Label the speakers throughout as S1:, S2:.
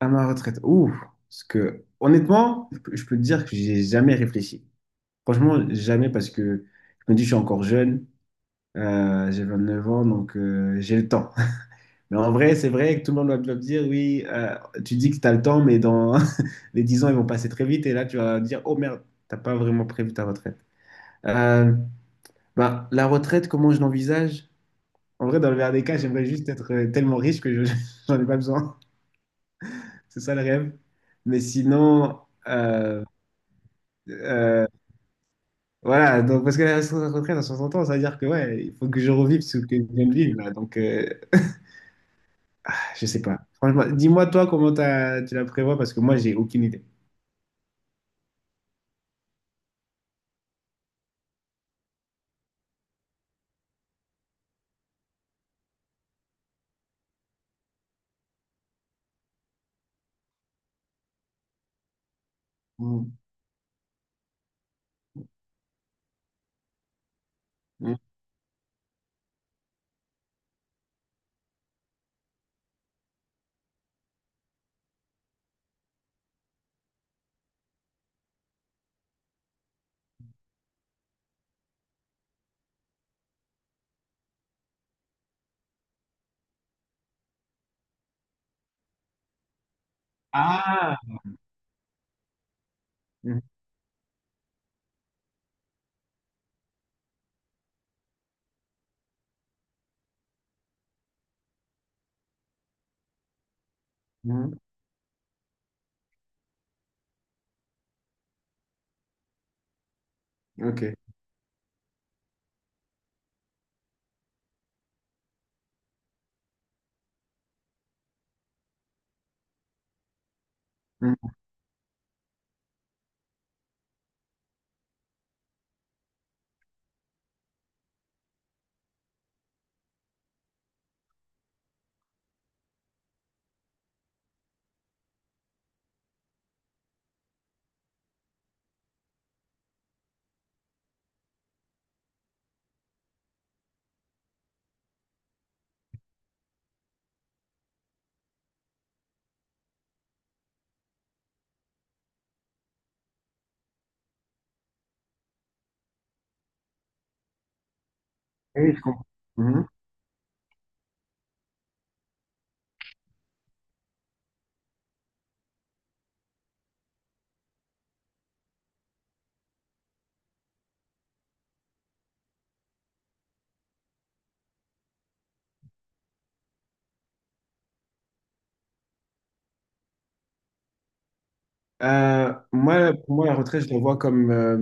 S1: À ma retraite. Ouf. Parce que, honnêtement, je peux te dire que j'ai jamais réfléchi. Franchement, jamais parce que je me dis, je suis encore jeune. J'ai 9 ans, donc j'ai le temps. Mais en vrai, c'est vrai que tout le monde va me dire, oui, tu dis que tu as le temps, mais dans les 10 ans, ils vont passer très vite. Et là, tu vas dire, oh merde, t'as pas vraiment prévu ta retraite. Euh, la retraite, comment je l'envisage? En vrai, dans le meilleur des cas, j'aimerais juste être tellement riche que j'en ai pas besoin. C'est ça le rêve. Mais sinon, euh, Euh, voilà, donc parce que la retraite dans 60 ans, ça veut dire que ouais, il faut que je revive ce que je viens de vivre là. Donc, ah, je sais pas. Franchement, dis-moi toi comment tu la prévois parce que moi, j'ai aucune idée. Mhm. Mhm. Ah! Mhm. Mhm. Ok. Mhm. Oui, je comprends. Mhm. Moi, pour moi, la retraite, je la vois comme,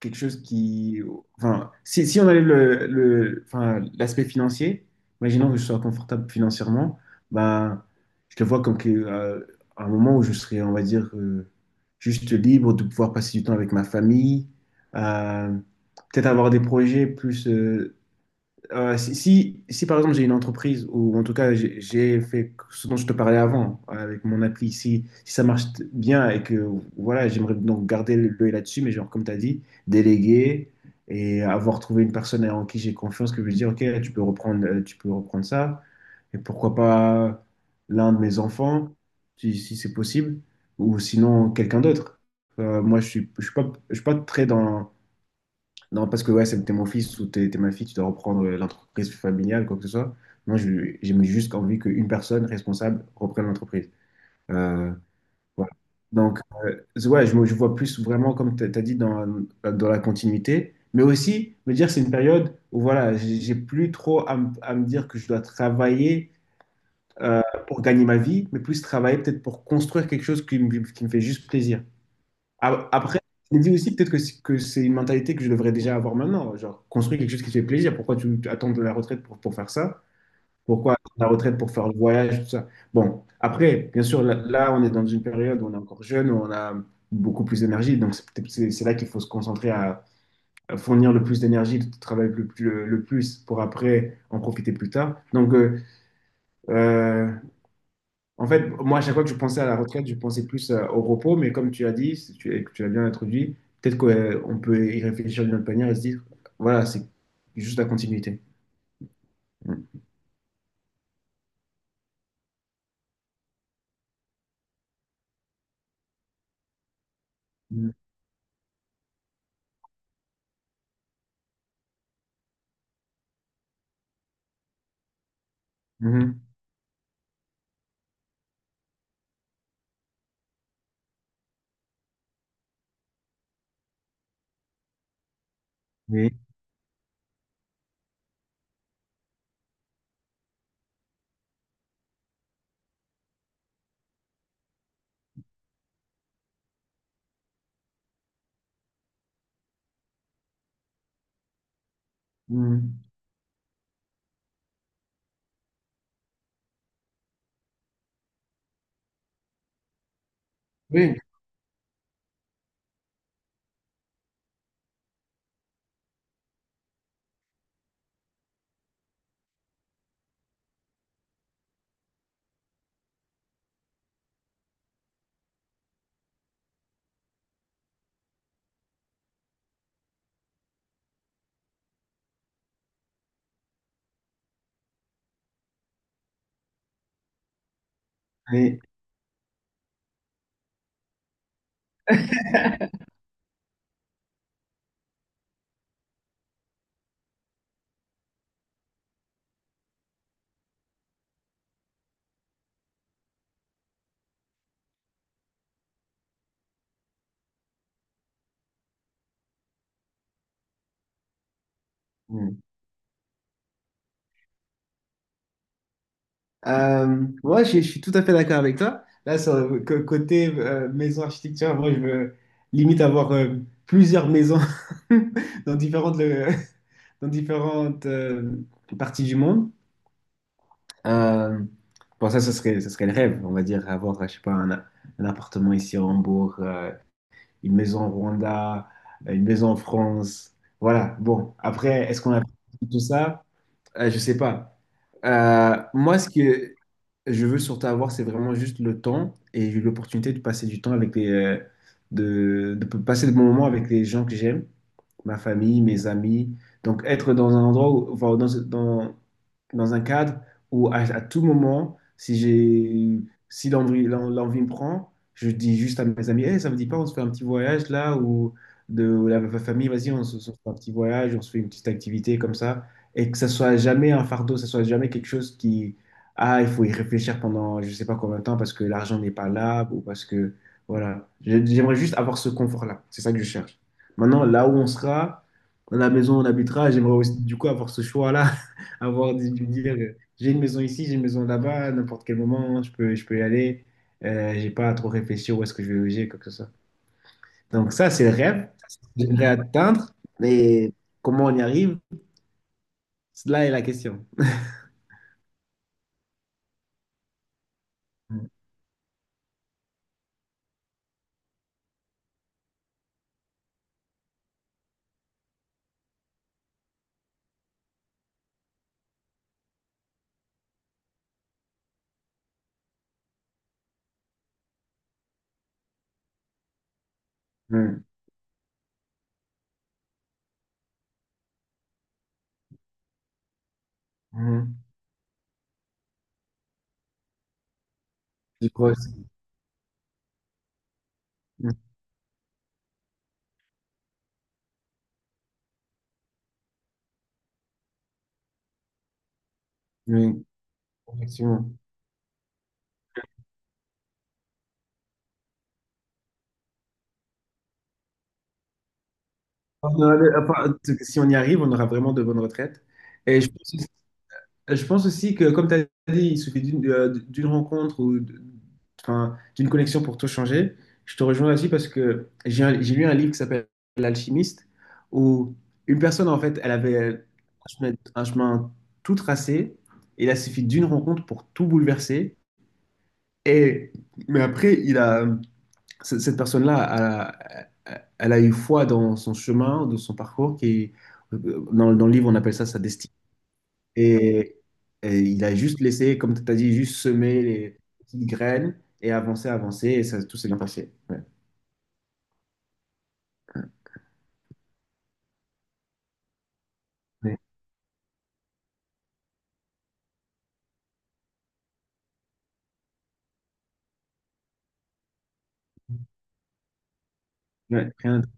S1: quelque chose qui... Enfin, si, on enlève enfin, l'aspect financier, imaginons que je sois confortable financièrement, bah, je le vois comme que, un moment où je serai, on va dire, juste libre de pouvoir passer du temps avec ma famille, euh, peut-être avoir des projets plus, si, si, si, par exemple j'ai une entreprise ou en tout cas j'ai fait ce dont je te parlais avant avec mon appli, si, si ça marche bien et que voilà, j'aimerais donc garder l'œil là-dessus, mais genre comme tu as dit, déléguer et avoir trouvé une personne en qui j'ai confiance que je lui dis ok, tu peux reprendre, tu peux reprendre ça et pourquoi pas l'un de mes enfants si, si c'est possible ou sinon quelqu'un d'autre. Moi je suis pas très dans non, parce que ouais, t'es mon fils ou t'es ma fille, tu dois reprendre l'entreprise familiale, quoi que ce soit. Moi, j'ai juste envie qu'une personne responsable reprenne l'entreprise. Euh, voilà. Donc, ouais, je vois plus vraiment, comme tu as dit, dans la continuité, mais aussi me dire c'est une période où voilà, j'ai plus trop à me dire que je dois travailler euh, pour gagner ma vie, mais plus travailler peut-être pour construire quelque chose qui qui me fait juste plaisir. Après, je me dis aussi peut-être que, que c'est une mentalité que je devrais déjà avoir maintenant. Genre, construire quelque chose qui te fait plaisir. Pourquoi attends de la retraite pour faire ça? Pourquoi attendre la retraite pour faire le voyage, tout ça? Bon, après, bien sûr, là, on est dans une période où on est encore jeune, où on a beaucoup plus d'énergie. Donc, c'est là qu'il faut se concentrer à fournir le plus d'énergie, de travailler le plus pour après en profiter plus tard. Donc, euh, en fait, moi, à chaque fois que je pensais à la retraite, je pensais plus au repos, mais comme tu as dit, si tu, et que tu l'as bien introduit, peut-être qu'on peut y réfléchir d'une autre manière et se dire, voilà, c'est juste la continuité. Mm. Mhm. Oui. Mhm. Oui. Oui. Mm. Euh, moi, je suis tout à fait d'accord avec toi. Là, sur le côté maison architecture, moi, je veux limite avoir plusieurs maisons dans dans différentes parties du monde. Euh, bon, ça, ce serait le rêve, on va dire, avoir, je sais pas, un appartement ici à Hambourg, une maison au Rwanda, une maison en France. Voilà, bon, après, est-ce qu'on a tout ça? Je sais pas. Moi, ce que je veux surtout avoir, c'est vraiment juste le temps et j'ai eu l'opportunité de passer du temps avec les, de passer de bons moments avec les gens que j'aime, ma famille, mes amis. Donc, être dans un endroit, enfin, dans un cadre où à tout moment, si l'envie, l'envie me prend, je dis juste à mes amis, Hey, ça vous dit pas, on se fait un petit voyage là ou de ou la famille, vas-y, on se fait un petit voyage, on se fait une petite activité comme ça et que ça soit jamais un fardeau, ça soit jamais quelque chose qui, ah, il faut y réfléchir pendant je sais pas combien de temps parce que l'argent n'est pas là ou parce que, voilà. J'aimerais juste avoir ce confort-là. C'est ça que je cherche. Maintenant, là où on sera, dans la maison où on habitera, j'aimerais aussi, du coup, avoir ce choix-là, avoir de dire, j'ai une maison ici, j'ai une maison là-bas, à n'importe quel moment, je peux y aller. J'ai pas à trop réfléchir où est-ce que je vais loger, quoi que ce soit. Donc ça, c'est le rêve. Ça, c'est ce que j'aimerais atteindre, mais comment on y arrive? Cela est la question. Mhm. Mhm. Je crois aussi. Mhm. Oui, effectivement. On voilà. Enfin, si on y arrive, on aura vraiment de bonnes retraites. Et je pense aussi que, comme tu as dit, il suffit d'une d'une rencontre ou enfin, d'une connexion pour tout changer. Je te rejoins là-dessus parce que j'ai lu un livre qui s'appelle L'Alchimiste, où une personne, en fait, elle avait un chemin tout tracé, et il a suffi d'une rencontre pour tout bouleverser. Et, mais après, il a... cette personne-là, elle a eu foi dans son chemin, dans son parcours, qui, euh, dans le livre, on appelle ça sa destinée. Et, et il a juste laissé, comme tu as dit, juste semer les petites graines et avancer, avancer, et ça, tout s'est bien passé. Ouais. Ouais. Ouais. Rien d'autre.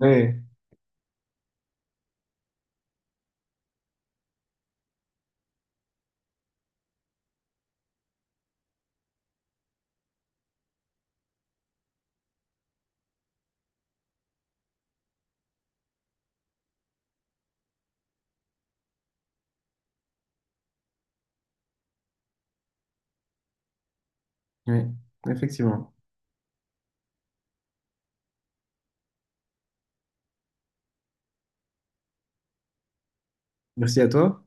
S1: Ouais. Ouais. Effectivement. Merci à toi.